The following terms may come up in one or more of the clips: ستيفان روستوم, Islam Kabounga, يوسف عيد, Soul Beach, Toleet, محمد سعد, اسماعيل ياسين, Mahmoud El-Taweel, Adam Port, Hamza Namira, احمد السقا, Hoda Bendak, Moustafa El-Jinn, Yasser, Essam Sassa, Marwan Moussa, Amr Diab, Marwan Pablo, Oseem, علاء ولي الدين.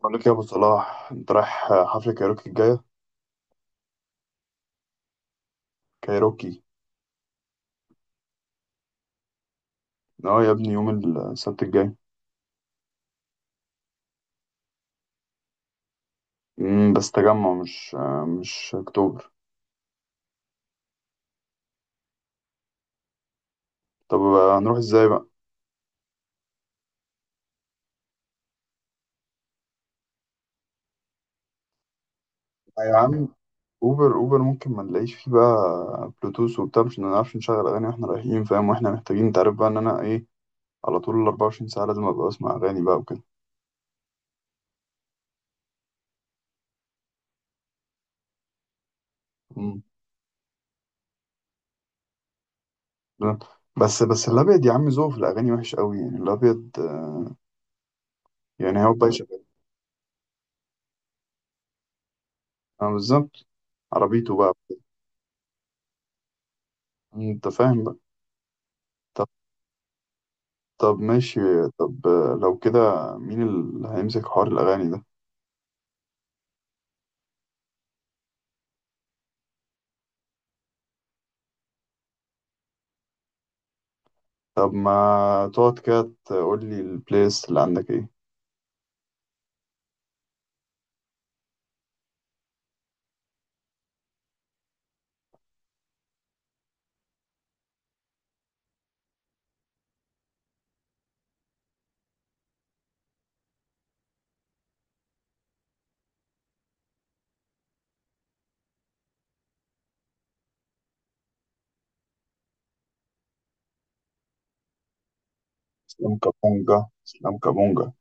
بقول لك يا ابو صلاح، انت رايح حفله كايروكي الجايه؟ كايروكي. اه يا ابني، يوم السبت الجاي. بس تجمع، مش اكتوبر. طب هنروح ازاي بقى؟ يا عم، اوبر ممكن ما نلاقيش فيه بقى بلوتوث وبتاع، مش هنعرفش نشغل اغاني واحنا رايحين، فاهم؟ واحنا محتاجين، انت عارف بقى ان انا ايه، على طول ال 24 ساعه لازم ابقى اسمع اغاني بقى وكده. امم بس الابيض يا عم، ذوقه في الاغاني وحش قوي يعني. الابيض يعني هو بقى شغال؟ اه، بالظبط. عربيته بقى، انت فاهم بقى. طب ماشي. طب، لو كده مين اللي هيمسك حوار الأغاني ده؟ طب ما تقعد كده تقول لي البليس اللي عندك ايه. اسلام كابونجا، اسلام كابونجا.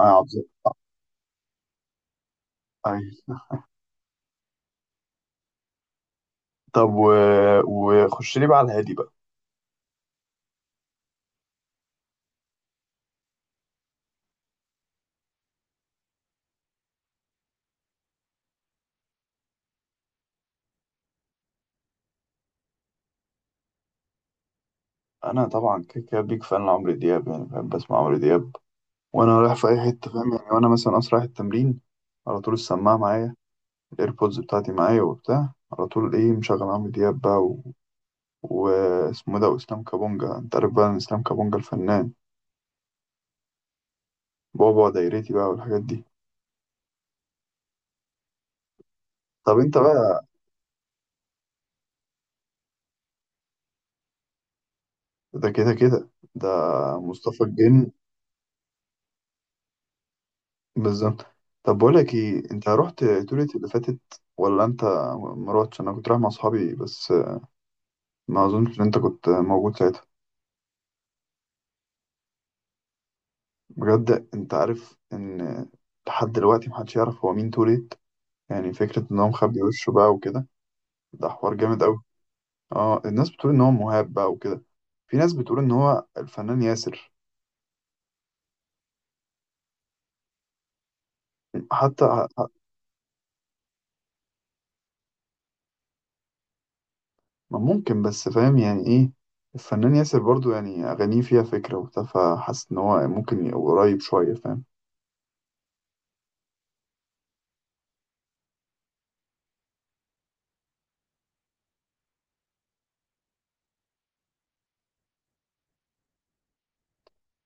انا عبد. اي. طب وخش لي بقى على الهادي بقى. انا طبعا كده كده بيك فان لعمرو دياب، يعني بحب اسمع عمرو دياب وانا رايح في اي حته، فاهم يعني؟ وانا مثلا اصلا رايح التمرين، على طول السماعه معايا، الايربودز بتاعتي معايا وبتاع، على طول ايه مشغل عمرو دياب بقى واسمه ده واسلام كابونجا. انت عارف بقى إن اسلام كابونجا الفنان بابا دايرتي بقى والحاجات دي. طب انت بقى، ده كده كده ده مصطفى الجن، بالظبط. طب بقول لك ايه، انت رحت تولت اللي فاتت ولا انت ما رحتش؟ انا كنت رايح مع اصحابي بس، ما اظنش ان انت كنت موجود ساعتها. بجد انت عارف ان لحد دلوقتي محدش يعرف هو مين توليت؟ يعني فكرة ان هو مخبي وشه بقى وكده، ده حوار جامد قوي. اه، الناس بتقول ان هو مهاب بقى وكده، في ناس بتقول ان هو الفنان ياسر حتى. ما ممكن، بس فاهم يعني ايه، الفنان ياسر برضو يعني أغانيه فيها فكرة وبتاع، فحاسس إن هو ممكن يبقى قريب شوية، فاهم؟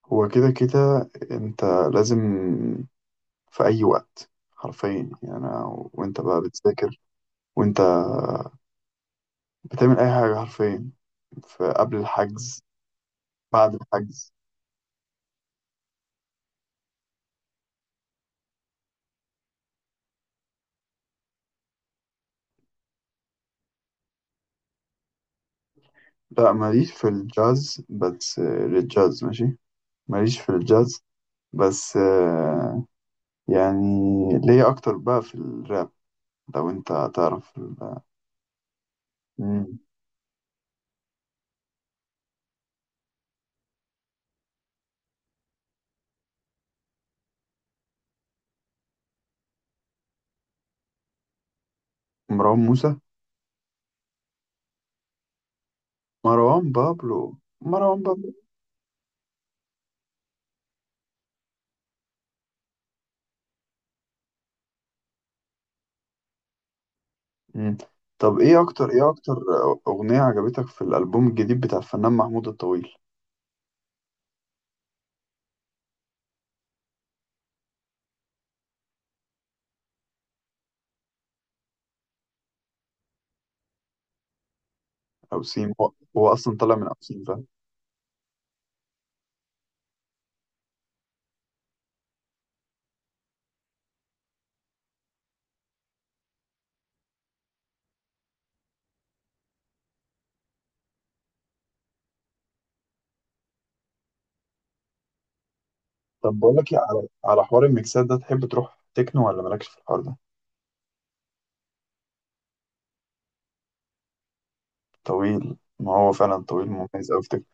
هو كده كده أنت لازم في أي وقت حرفيا يعني. أنا وأنت بقى بتذاكر، وأنت بتعمل أي حاجة حرفيا، في قبل الحجز بعد الحجز. لا ماليش في الجاز، بس للجاز ماشي، ماليش في الجاز. بس يعني ليا أكتر بقى في الراب، لو أنت تعرف. ال- مروان موسى. مروان بابلو مروان بابلو. مم. طب ايه اكتر اغنية عجبتك في الالبوم الجديد بتاع الفنان محمود الطويل؟ او سيم، هو اصلا طالع من اوسيم، فاهم. طب بقول لك إيه، على حوار الميكسات ده، تحب تروح تكنو ولا مالكش في الحوار ده؟ طويل، ما هو فعلا طويل مميز قوي في تكنو.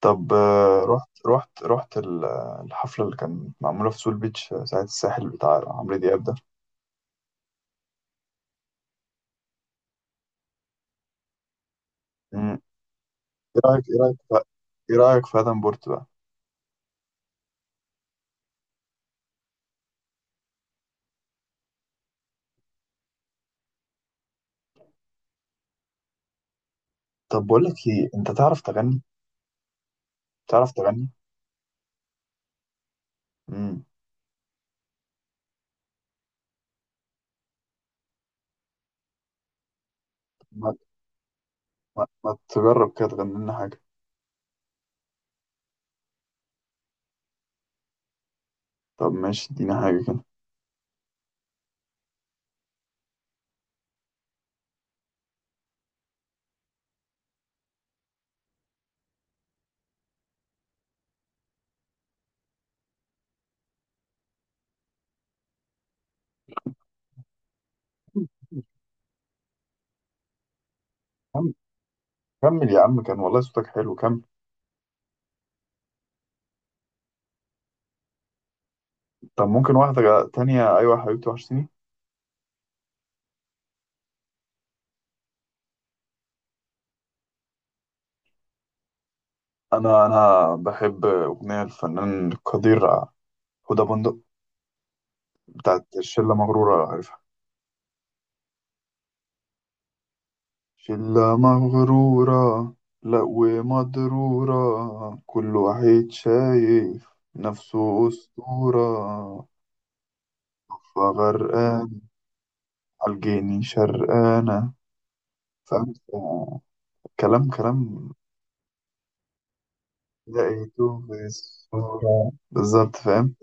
طب رحت الحفلة اللي كانت معمولة في سول بيتش، ساعة الساحل بتاع عمرو دياب ده. مم. ايه رأيك ايه رأيك ايه رأيك في ادم بورت بقى؟ طب بقول لك ايه، انت تعرف تغني؟ تعرف تغني؟ امم ما, ما تجرب كده تغني لنا حاجة. طب ماشي، ادينا حاجة كده. كم- كمل يا عم، كان والله صوتك حلو، كمل. طب ممكن واحدة تانية، أيوة يا حبيبتي وحشتيني. أنا بحب أغنية الفنان القدير هدى بندق، بتاعت شلة مغرورة، عارفها؟ شلة مغرورة لا ومضرورة، كل واحد شايف نفسه أسطورة. فغرقان عالجيني شرقانة، فاهم؟ كلام كلام، لقيته في الصورة بالظبط، فاهم؟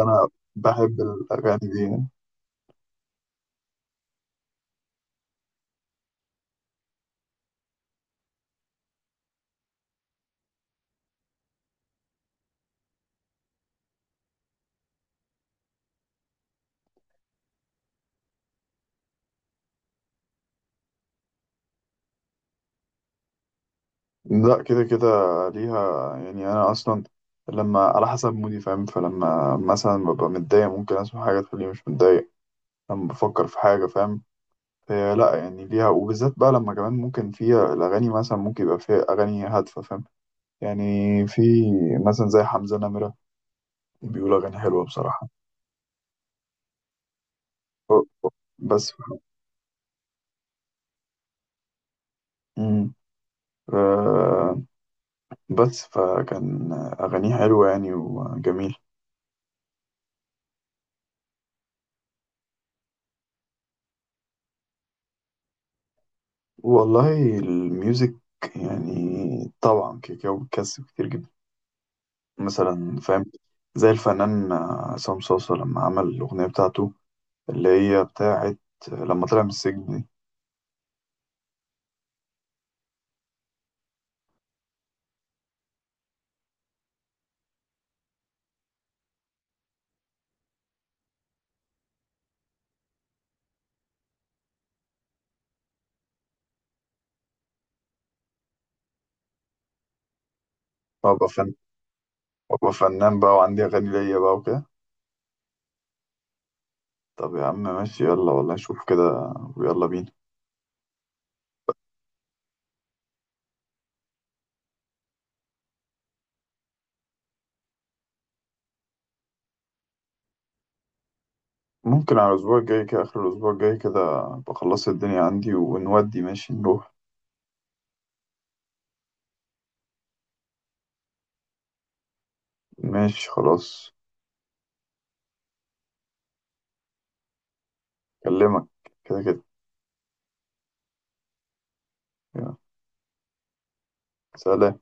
أنا بحب الأغاني دي يعني. لا كده كده ليها يعني، أنا أصلا لما على حسب مودي فاهم، فلما مثلا ببقى متضايق ممكن أسمع حاجة تخليني مش متضايق، لما بفكر في حاجة فاهم. هي لا يعني ليها، وبالذات بقى لما كمان ممكن فيها الأغاني، مثلا ممكن يبقى فيها أغاني هادفة، فاهم يعني؟ في مثلا زي حمزة نمرة، بيقول أغاني حلوة بصراحة. بس مم. آه، بس فكان أغانيه حلوة يعني وجميل. والله الميوزك يعني طبعا كده كده بتكسب كتير جدا، مثلا فاهم، زي الفنان عصام صاصة لما عمل الأغنية بتاعته اللي هي بتاعت لما طلع من السجن دي. وأبقى فن وأبقى فنان بقى، وعندي أغاني ليا بقى وكده. طب يا عم ماشي، يلا والله نشوف كده ويلا بينا. ممكن على الأسبوع الجاي كده، آخر الأسبوع الجاي كده أبقى خلصت الدنيا عندي ونودي ماشي نروح. ماشي خلاص. أكلمك كده كده. يلا. سلام.